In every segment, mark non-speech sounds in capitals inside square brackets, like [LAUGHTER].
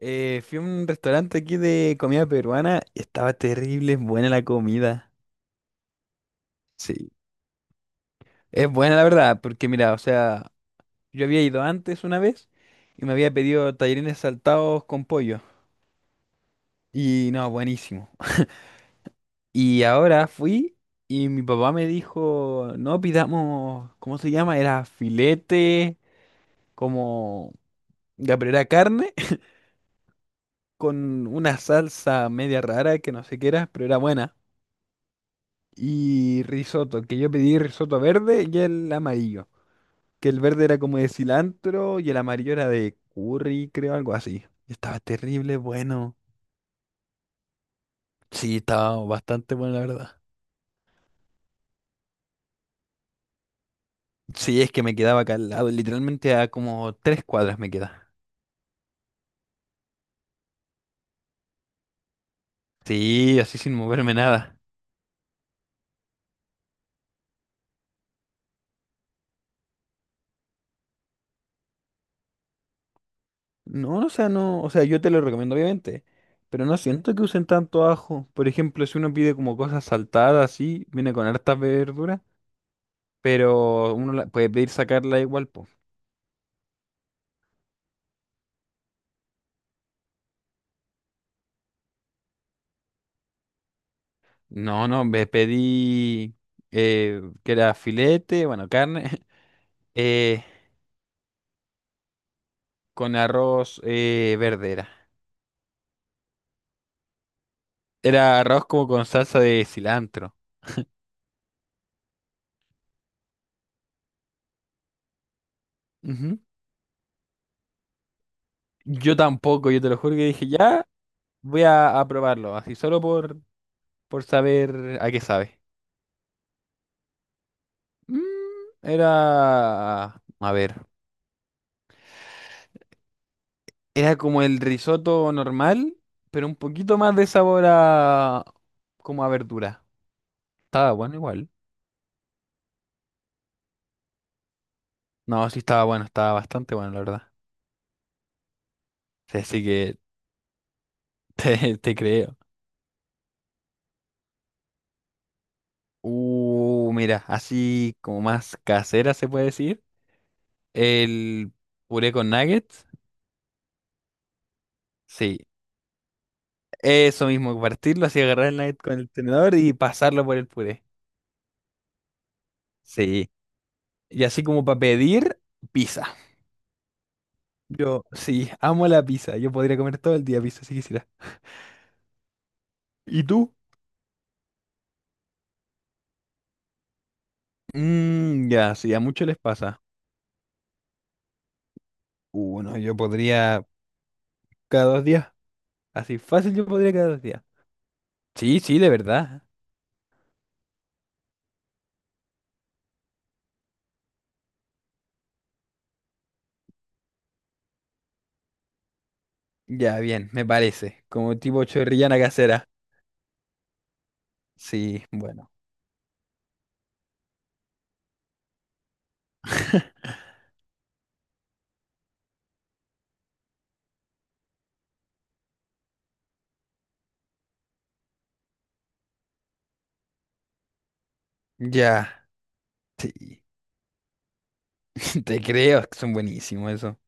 Fui a un restaurante aquí de comida peruana y estaba terrible, buena la comida. Sí. Es buena la verdad, porque mira, o sea, yo había ido antes una vez y me había pedido tallarines saltados con pollo. Y no, buenísimo. Y ahora fui y mi papá me dijo, no pidamos, ¿cómo se llama? Era filete, como ya pero era carne, [LAUGHS] con una salsa media rara que no sé qué era, pero era buena. Y risotto, que yo pedí risotto verde y el amarillo, que el verde era como de cilantro y el amarillo era de curry, creo, algo así. Y estaba terrible, bueno. Sí, estaba bastante bueno, la verdad. Sí, es que me quedaba acá al lado, literalmente a como tres cuadras me queda. Sí, así sin moverme nada. No, o sea, no, o sea, yo te lo recomiendo obviamente, pero no siento que usen tanto ajo. Por ejemplo, si uno pide como cosas saltadas así, viene con hartas verduras, pero puede pedir sacarla igual, po. No, no, me pedí que era filete, bueno, carne, [LAUGHS] eh, con arroz verde era. Era arroz como con salsa de cilantro. Ujú. Yo tampoco, yo te lo juro que dije, ya a probarlo, así solo por saber a qué sabe. Mm, era, a ver, era como el risotto normal, pero un poquito más de sabor a, como a verdura. Estaba bueno igual. No, sí estaba bueno, estaba bastante bueno, la verdad. Así que [LAUGHS] te creo. Mira, así como más casera se puede decir. El puré con nuggets. Sí, eso mismo, partirlo así, agarrar el nugget con el tenedor y pasarlo por el puré. Sí, y así como para pedir pizza. Yo, sí, amo la pizza. Yo podría comer todo el día pizza si quisiera. ¿Y tú? Mm, ya, sí, a muchos les pasa. Uno, yo podría cada dos días. Así fácil yo podría cada dos días. Sí, sí, de verdad. Ya, bien, me parece. Como tipo chorrillana casera. Sí, bueno. [LAUGHS] Ya, sí. [LAUGHS] Te creo, es que son buenísimos eso.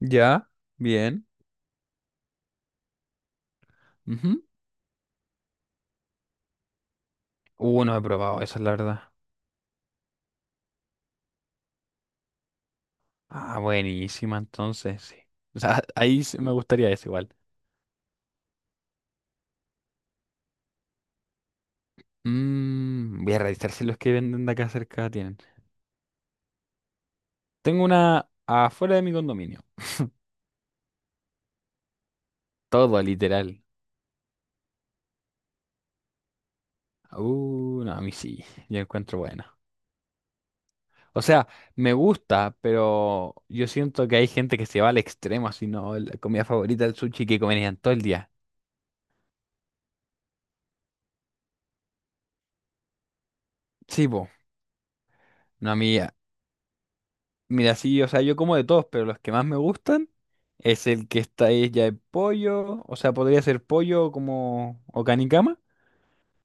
Ya, bien. Ujú. No he probado eso, la verdad. Ah, buenísima, entonces, sí. O sea, [LAUGHS] ahí sí me gustaría eso igual. Mm, voy a revisar si los que venden de acá cerca tienen. Tengo una afuera de mi condominio. Todo, literal. No, a mí sí. Yo encuentro buena. O sea, me gusta, pero yo siento que hay gente que se va al extremo, así, ¿no? La comida favorita del sushi que comerían todo el día. Sí, po. No, a mí, ah, mira, sí, o sea, yo como de todos, pero los que más me gustan es el que está ahí ya de pollo, o sea, podría ser pollo como, o canicama,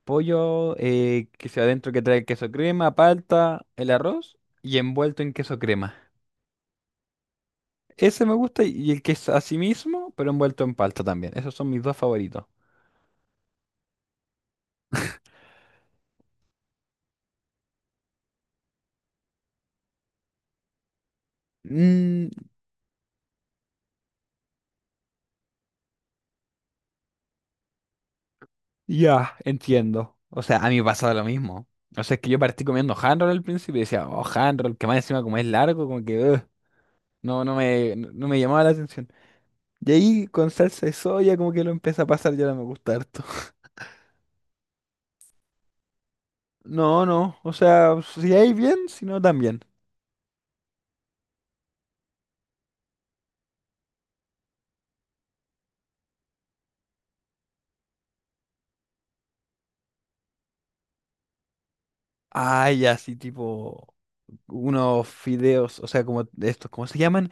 pollo que sea adentro que trae queso crema, palta, el arroz y envuelto en queso crema. Ese me gusta y el que es así mismo, pero envuelto en palta también. Esos son mis dos favoritos. Mm, ya, entiendo. O sea, a mí me pasaba lo mismo. O sea, es que yo partí comiendo hand roll al principio y decía, oh, hand roll, que más encima como es largo, como que "Ugh". No, me llamaba la atención. Y ahí con salsa de soya como que lo empieza a pasar, ya no me gusta harto. [LAUGHS] No, no, o sea, si hay bien, si no también. Ay, así tipo unos fideos, o sea, como de estos, ¿cómo se llaman?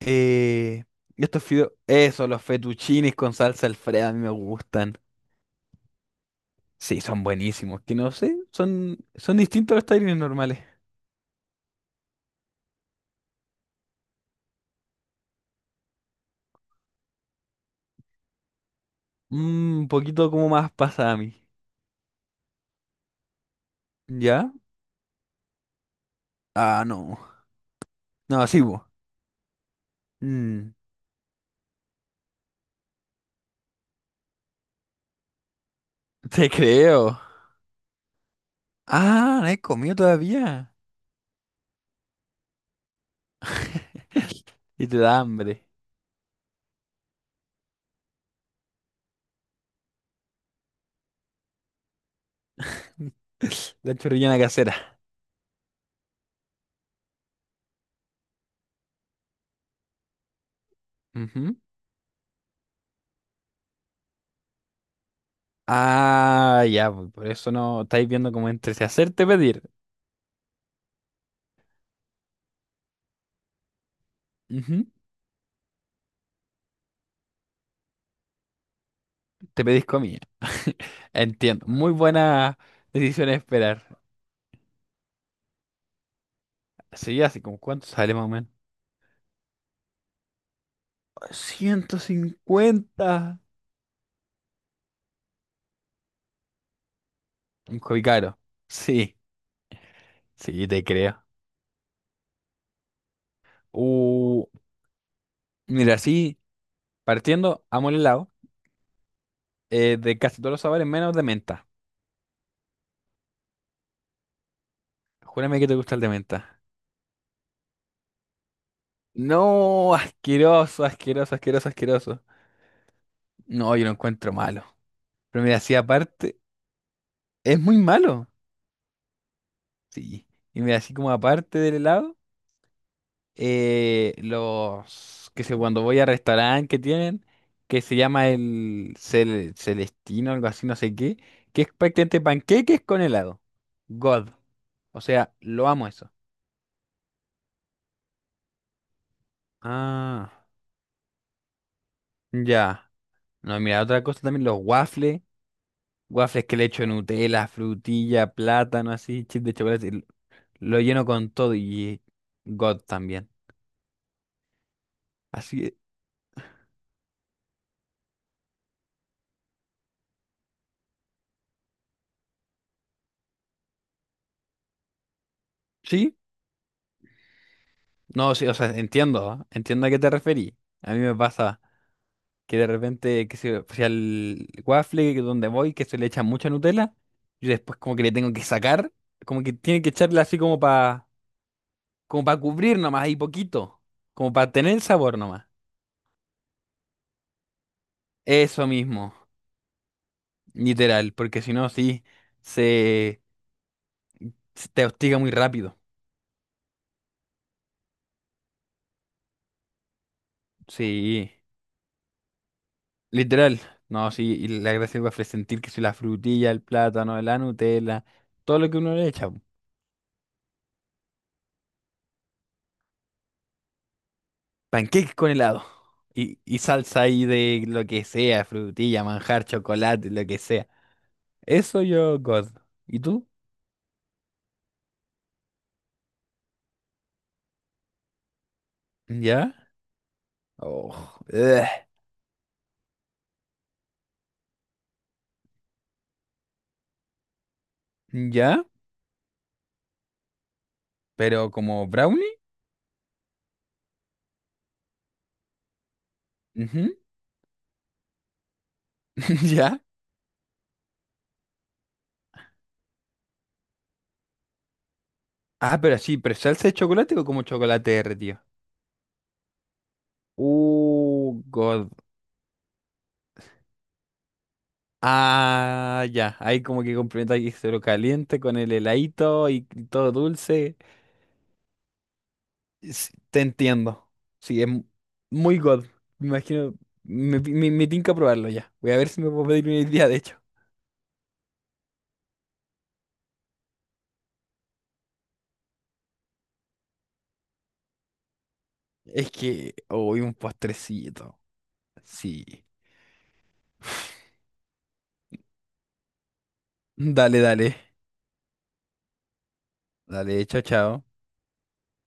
Eh, estos fideos, eso, los fettuccines con salsa Alfredo, a mí me gustan. Sí, son buenísimos. Que no sé, son distintos a los tallarines normales. Mm, un poquito como más pasa a mí. ¿Ya? Ah, no. No, sí, vos. Mm, te creo. Ah, no he comido todavía. [LAUGHS] Y te da hambre. [LAUGHS] La chorrillana casera. Ujú. Ah, ya, pues, por eso no estáis viendo como entre si hacerte pedir. Ujú, te pedís comida. [LAUGHS] Entiendo. Muy buena decisión de esperar. Sí, así como cuánto sale más o menos. 150. Un hobby caro. Sí, sí, te creo. Uh, mira, sí, partiendo, amo el helado. De casi todos los sabores, menos de menta. Júrame que te gusta el de menta. No, asqueroso, asqueroso, asqueroso, asqueroso. No, yo lo encuentro malo. Pero mira, así aparte, es muy malo. Sí. Y mira, así como aparte del helado. Los, que sé, cuando voy a restaurante que tienen, que se llama Celestino, algo así, no sé qué, que es prácticamente panqueques con helado. God. O sea, lo amo eso. Ah, ya. No, mira, otra cosa también, los waffles. Waffles que le echo Nutella, frutilla, plátano, así, chip de chocolate. Lo lleno con todo y God también. Así, ¿sí? No, sí, o sea, entiendo, ¿ah? Entiendo a qué te referí. A mí me pasa. Que de repente, o sea, el waffle que donde voy, que se le echa mucha Nutella, y después como que le tengo que sacar, como que tiene que echarle así como para cubrir nomás, ahí poquito, como para tener el sabor nomás. Eso mismo, literal, porque si no, sí, se, se te hostiga muy rápido. Sí, literal. No, sí, y la gracia del waffle es sentir que si la frutilla, el plátano, la Nutella, todo lo que uno le echa. Pancakes con helado. Y salsa ahí de lo que sea, frutilla, manjar, chocolate, lo que sea. Eso yo, God. ¿Y tú? ¿Ya? Oh, ugh. ¿Ya? ¿Pero como brownie? Ujú. [LAUGHS] ¿Ya? Ah, pero sí, ¿pero salsa de chocolate o como chocolate derretido? God. Ah, ya. Ahí como que complementa que se lo caliente con el heladito y todo dulce. Sí, te entiendo. Sí, muy God. Me imagino. Me tinca probarlo ya. Voy a ver si me puedo pedir una idea, de hecho. Es que hoy un postrecito. Sí. Dale, dale. Dale, chao, chao.